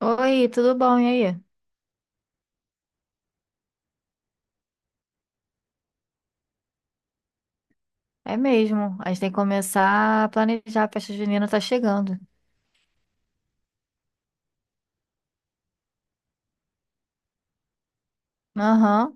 Oi, tudo bom? E aí? É mesmo. A gente tem que começar a planejar. A festa junina tá chegando. Aham.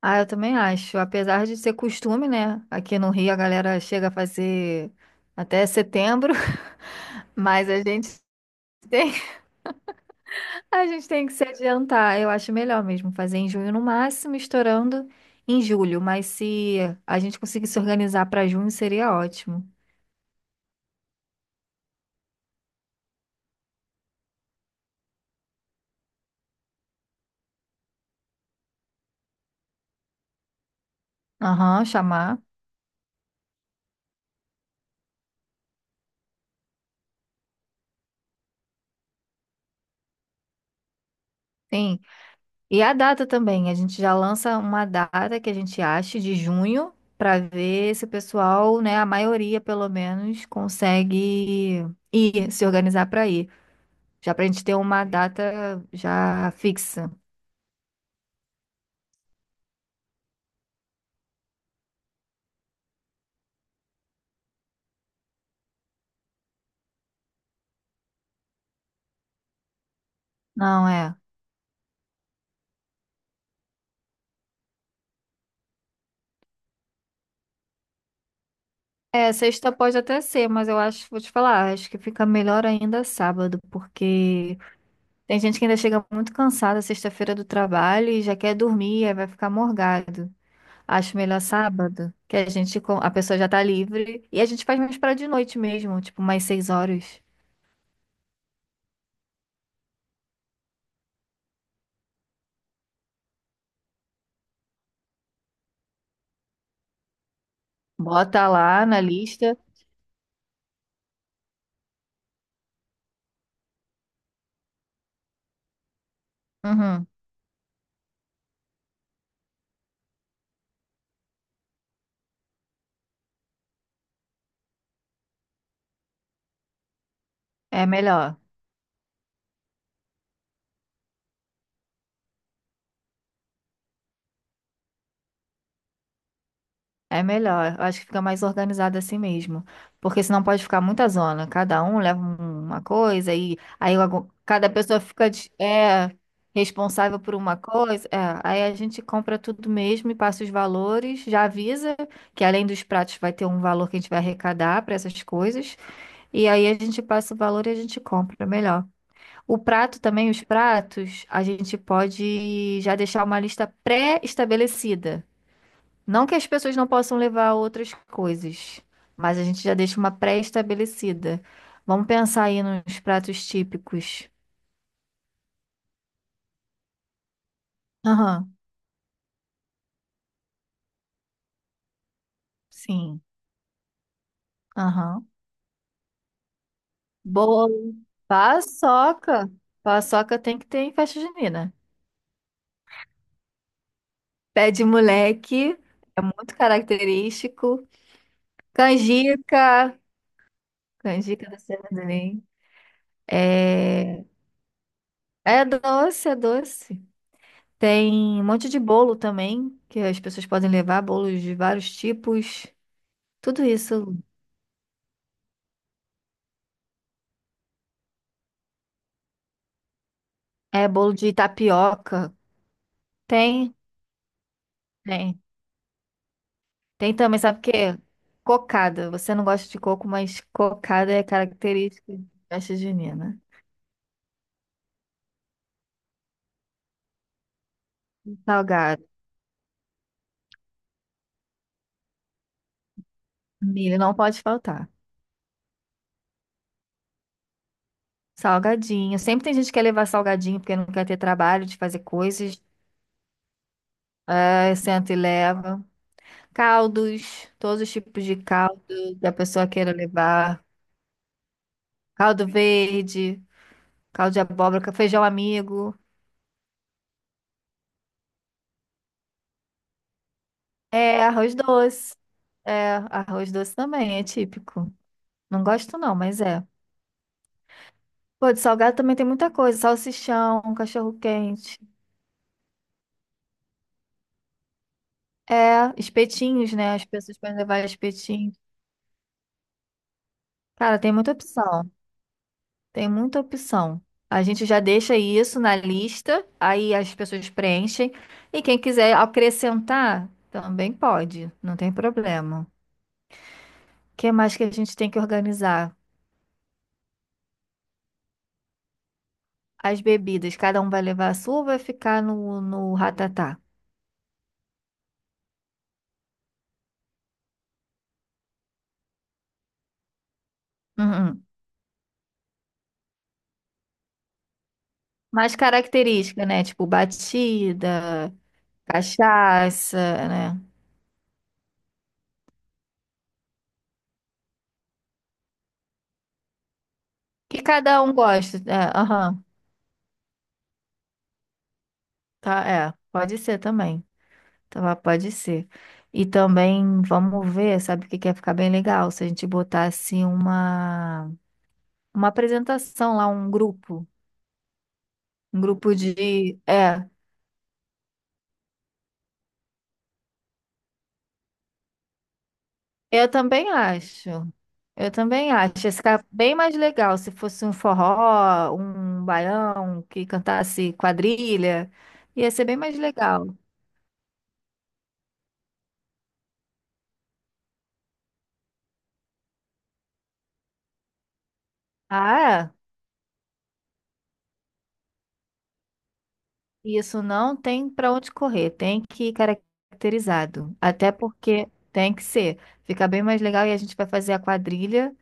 Ah, eu também acho. Apesar de ser costume, né? Aqui no Rio a galera chega a fazer até setembro, mas a gente tem, a gente tem que se adiantar. Eu acho melhor mesmo fazer em junho no máximo, estourando em julho. Mas se a gente conseguir se organizar para junho, seria ótimo. Aham, chamar. Sim. E a data também, a gente já lança uma data que a gente acha de junho para ver se o pessoal, né, a maioria pelo menos, consegue ir, se organizar para ir. Já para a gente ter uma data já fixa. Não é. É, sexta pode até ser, mas eu acho, vou te falar, acho que fica melhor ainda sábado, porque tem gente que ainda chega muito cansada sexta-feira do trabalho e já quer dormir, aí vai ficar morgado. Acho melhor sábado, que a gente com- a pessoa já tá livre e a gente faz mais para de noite mesmo, tipo mais 6 horas. Bota lá na lista. Uhum. É melhor. É melhor. Eu acho que fica mais organizado assim mesmo, porque senão pode ficar muita zona. Cada um leva uma coisa e aí algu- cada pessoa fica de- é responsável por uma coisa. É, aí a gente compra tudo mesmo e passa os valores, já avisa que além dos pratos vai ter um valor que a gente vai arrecadar para essas coisas. E aí a gente passa o valor e a gente compra, melhor. O prato também, os pratos, a gente pode já deixar uma lista pré-estabelecida. Não que as pessoas não possam levar outras coisas, mas a gente já deixa uma pré-estabelecida. Vamos pensar aí nos pratos típicos. Aham, sim. Aham. Bolo. Paçoca. Paçoca tem que ter em festa junina. Pé de moleque, é muito característico. Canjica. Canjica da Serra do Enem. É, é doce, é doce. Tem um monte de bolo também, que as pessoas podem levar, bolos de vários tipos. Tudo isso. É bolo de tapioca. Tem, tem. Tem também, sabe o quê? Cocada. Você não gosta de coco, mas cocada é característica de festa junina. Salgado. Milho não pode faltar. Salgadinho. Sempre tem gente que quer levar salgadinho porque não quer ter trabalho de fazer coisas. Aí senta e leva. Caldos, todos os tipos de caldo que a pessoa queira levar. Caldo verde, caldo de abóbora, feijão amigo. É, arroz doce. É, arroz doce também, é típico. Não gosto não, mas é. Pô, de salgado também tem muita coisa. Salsichão, cachorro-quente. É, espetinhos, né? As pessoas podem levar espetinhos. Cara, tem muita opção. Tem muita opção. A gente já deixa isso na lista, aí as pessoas preenchem. E quem quiser acrescentar, também pode, não tem problema. O que mais que a gente tem que organizar? As bebidas, cada um vai levar a sua ou vai ficar no ratatá? Uhum. Mais característica, né? Tipo batida, cachaça, né? Que cada um gosta. É, aham, tá, é, pode ser também. Tá, pode ser. E também vamos ver, sabe o que que ia ficar bem legal? Se a gente botasse uma apresentação lá, um grupo. Um grupo de. É, eu também acho. Eu também acho. Ia ficar bem mais legal se fosse um forró, um baião que cantasse quadrilha. Ia ser bem mais legal. Ah, é? Isso não tem para onde correr, tem que ir caracterizado. Até porque tem que ser. Fica bem mais legal e a gente vai fazer a quadrilha.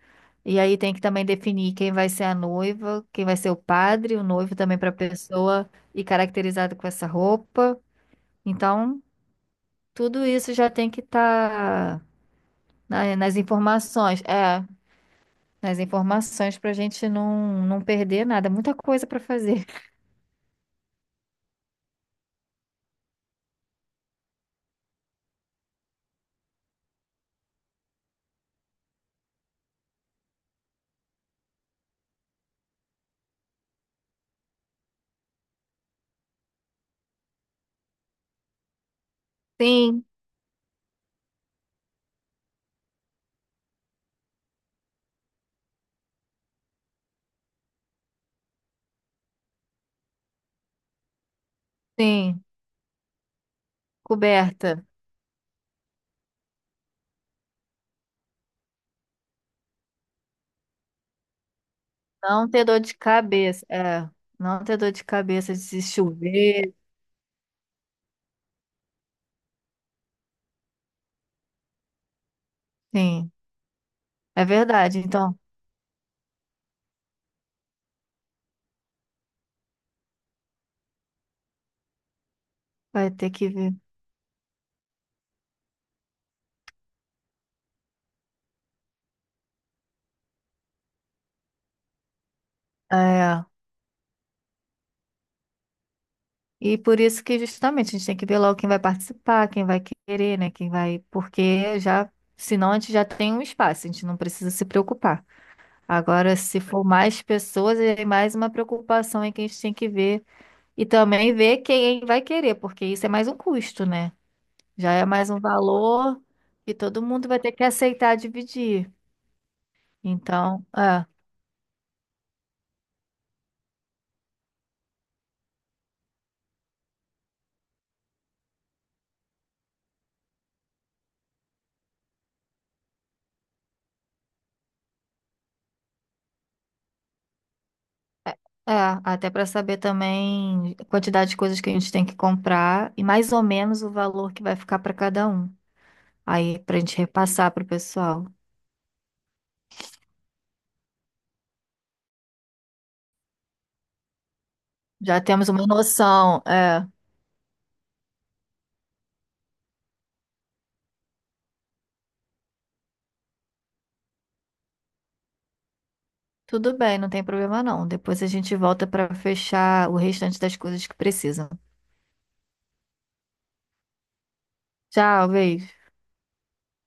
E aí tem que também definir quem vai ser a noiva, quem vai ser o padre, o noivo também para a pessoa e caracterizado com essa roupa. Então, tudo isso já tem que estar nas informações. É, nas informações para a gente não perder nada. Muita coisa para fazer. Sim, sim. Coberta. Não ter dor de cabeça. É, não ter dor de cabeça de se chover. Sim, é verdade. Então, vai ter que ver. É. E por isso que justamente a gente tem que ver logo quem vai participar, quem vai querer, né? Quem vai. Porque já, senão a gente já tem um espaço, a gente não precisa se preocupar. Agora, se for mais pessoas, é mais uma preocupação aí que a gente tem que ver. E também ver quem vai querer, porque isso é mais um custo, né? Já é mais um valor que todo mundo vai ter que aceitar dividir. Então, é, até para saber também a quantidade de coisas que a gente tem que comprar e mais ou menos o valor que vai ficar para cada um. Aí, para a gente repassar para o pessoal. Já temos uma noção, é. Tudo bem, não tem problema não. Depois a gente volta para fechar o restante das coisas que precisam. Tchau, beijo.